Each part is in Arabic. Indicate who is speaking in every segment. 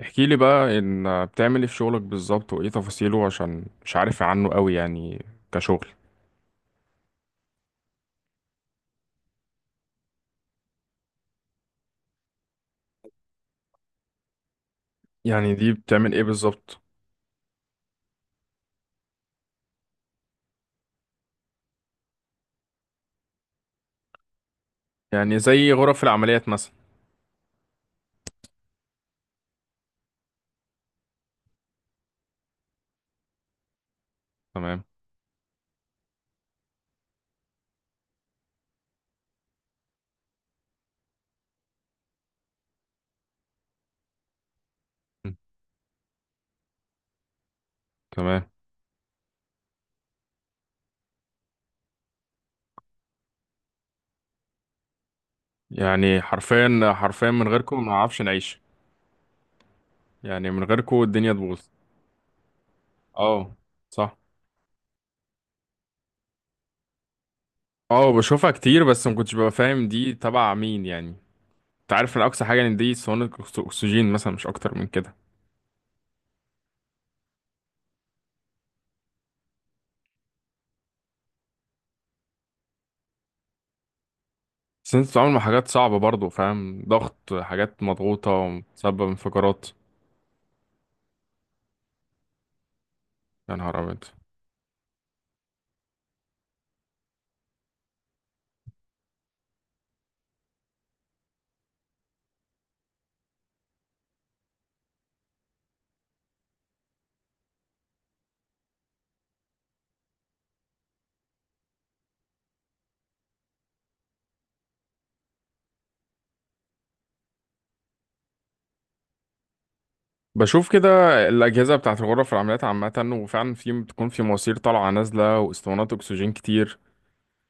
Speaker 1: احكي لي بقى ان بتعمل ايه في شغلك بالظبط وايه تفاصيله عشان مش عارف عنه قوي يعني، كشغل. يعني دي بتعمل ايه بالظبط؟ يعني زي غرف العمليات مثلا؟ تمام. م. تمام. يعني حرفيا حرفيا من غيركم ما اعرفش نعيش. يعني من غيركم الدنيا تبوظ. اه، صح. اه، بشوفها كتير بس ما كنتش ببقى فاهم دي تبع مين يعني. انت عارف ان اقصى حاجه ان دي صواني اكسجين مثلا، مش اكتر من كده. بس انت بتتعامل مع حاجات صعبه برضو، فاهم؟ ضغط، حاجات مضغوطه ومسبب انفجارات. يا نهار أبيض. بشوف كده. الأجهزة بتاعة الغرف العمليات عامة، وفعلا في بتكون في مواسير طالعة نازلة واسطوانات أكسجين كتير.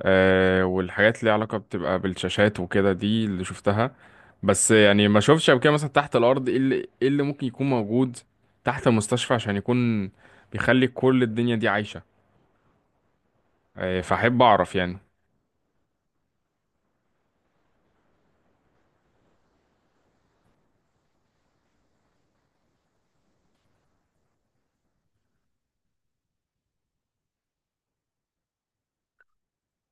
Speaker 1: آه، والحاجات اللي علاقة بتبقى بالشاشات وكده، دي اللي شفتها. بس يعني ما شوفتش قبل كده مثلا تحت الأرض، إيه اللي ممكن يكون موجود تحت المستشفى عشان يكون بيخلي كل الدنيا دي عايشة. آه، فأحب أعرف يعني.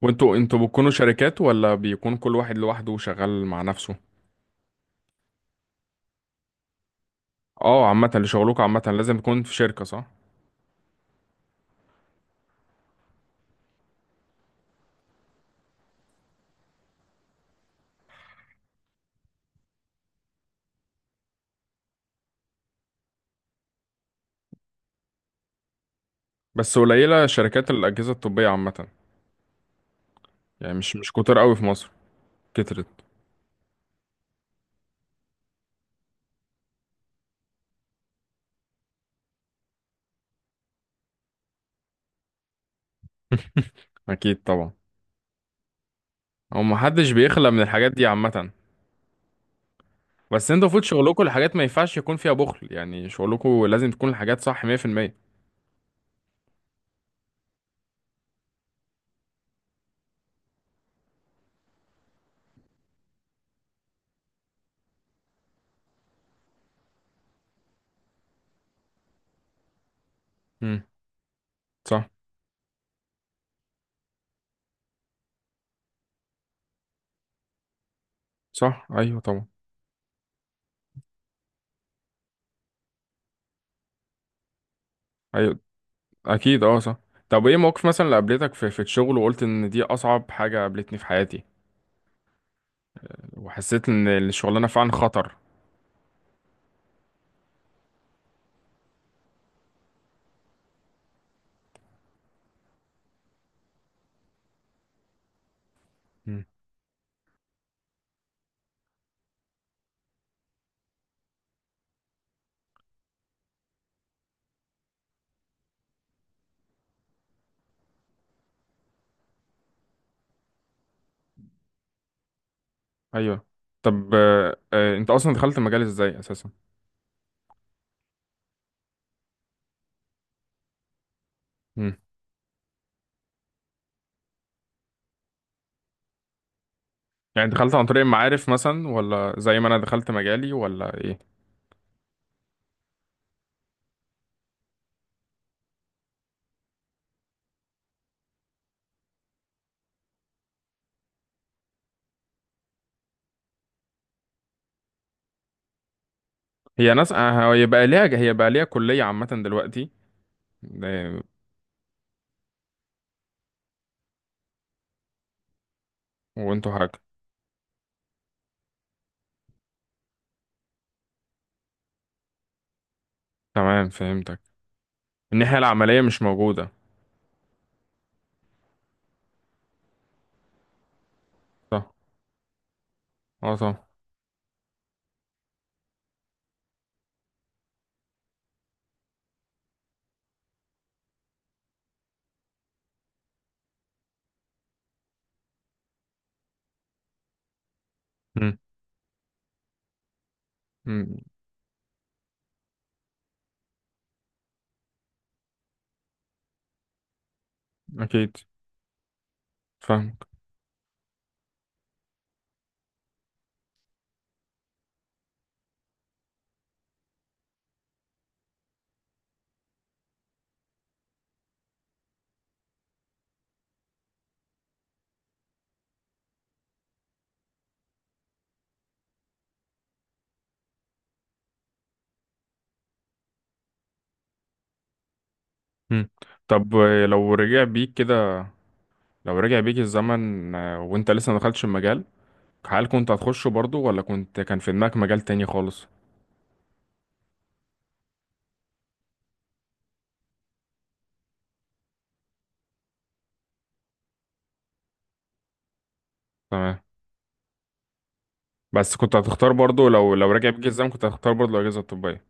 Speaker 1: وانتوا بتكونوا شركات ولا بيكون كل واحد لوحده شغال مع نفسه؟ اه، عامة اللي شغلكوا عامة لازم تكون في شركة، صح؟ بس قليلة شركات الأجهزة الطبية عامة. يعني مش كتير قوي في مصر. كترت. أكيد طبعا. هو محدش بيخلى من الحاجات دي عامة. بس انتوا المفروض شغلكوا الحاجات ما ينفعش يكون فيها بخل، يعني شغلكوا لازم تكون الحاجات صح 100%. امم. صح. صح، أيوه طبعا. أيوه. أكيد، أه صح. طب ايه موقف مثلا اللي قابلتك في الشغل وقلت ان دي أصعب حاجة قابلتني في حياتي وحسيت ان الشغلانة فعلا خطر؟ مم. أيوه. طب انت أصلا دخلت المجال ازاي أساسا؟ يعني دخلت عن طريق المعارف مثلا ولا زي ما انا دخلت مجالي، ولا ايه؟ هي ناس، هي بقى ليها كلية عامة دلوقتي. آه، وانتوا حاجة؟ تمام، فهمتك. الناحية العملية مش موجودة. صح. اه صح. مم. مم. اكيد. فاهمك. مم. طب لو رجع بيك كده، لو رجع بيك الزمن وانت لسه ما دخلتش المجال، هل كنت هتخشه برضو ولا كنت كان في دماغك مجال تاني خالص؟ تمام. بس كنت هتختار برضو لو رجع بيك الزمن كنت هتختار برضو الأجهزة الطبية؟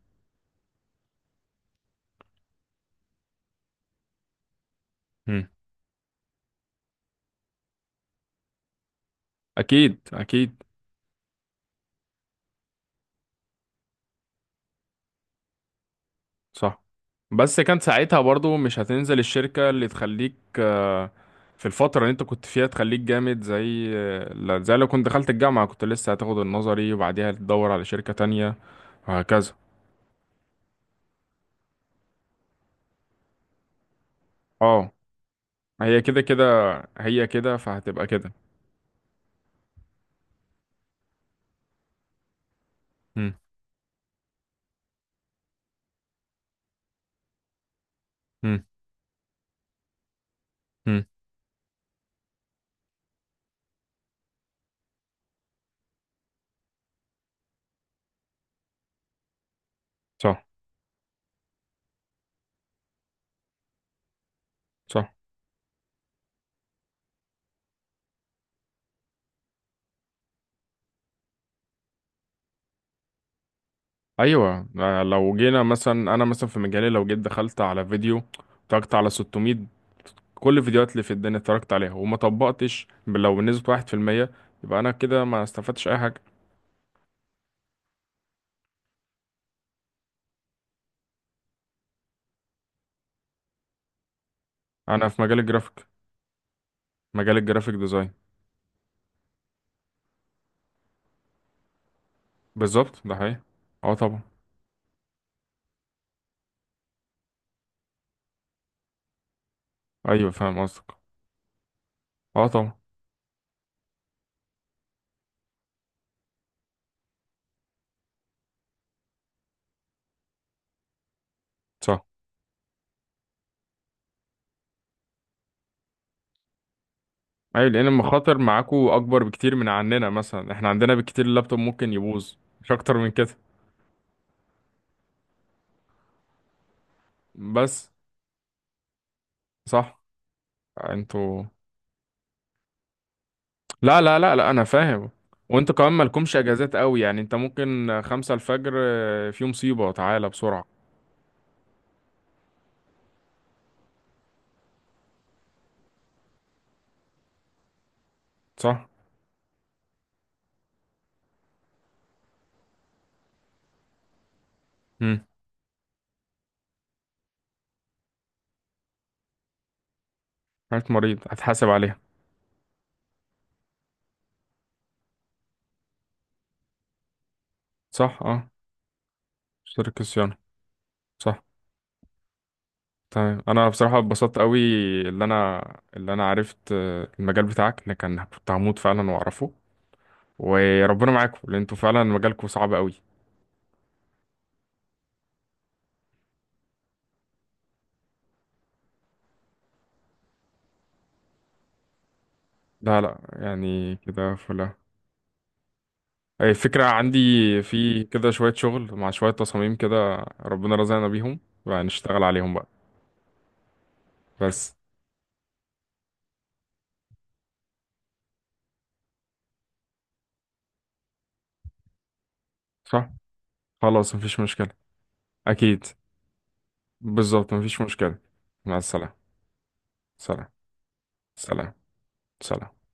Speaker 1: اكيد اكيد، صح. بس كان ساعتها برضو مش هتنزل الشركة اللي تخليك، في الفترة اللي انت كنت فيها تخليك جامد زي زي لو كنت دخلت الجامعة كنت لسه هتاخد النظري وبعديها تدور على شركة تانية وهكذا. اه. هي كده كده. هي كده، فهتبقى كده. مم. مم. مم. صح. صح. ايوه، لو جينا مثلا، انا مثلا في مجالي لو جيت دخلت على فيديو، اتفرجت على 600، كل الفيديوهات اللي في الدنيا اتفرجت عليها وما طبقتش لو بنسبة 1%، يبقى أنا كده ما استفدتش أي حاجة. أنا في مجال الجرافيك. مجال الجرافيك ديزاين. بالظبط، ده حقيقي. اه طبعا. أيوة، فاهم قصدك. اه طبعا. صح. أيوة، لأن المخاطر معاكو أكبر بكتير من عننا، مثلا احنا عندنا بكتير اللابتوب ممكن يبوظ. مش أكتر من كده. بس. صح. انتوا. لا لا لا لا، أنا فاهم. وانتوا كمان مالكمش اجازات قوي، يعني انت ممكن 5 الفجر في مصيبة تعالى بسرعة. صح. حالة مريض هتحاسب عليها. صح اه. شركة صيانة. صح. تمام، انا بصراحة اتبسطت قوي. اللي انا اللي انا عرفت المجال بتاعك، ان كان كنت هموت فعلا واعرفه. وربنا معاكم لان انتوا فعلا مجالكم صعب قوي. لا لا، يعني كده فلا. أي فكرة عندي. في كده شوية شغل مع شوية تصاميم كده ربنا رزقنا بيهم، بقى نشتغل عليهم بقى. بس. صح. خلاص، مفيش مشكلة. أكيد. بالظبط، مفيش مشكلة. مع السلامة. سلام. سلام. سلام.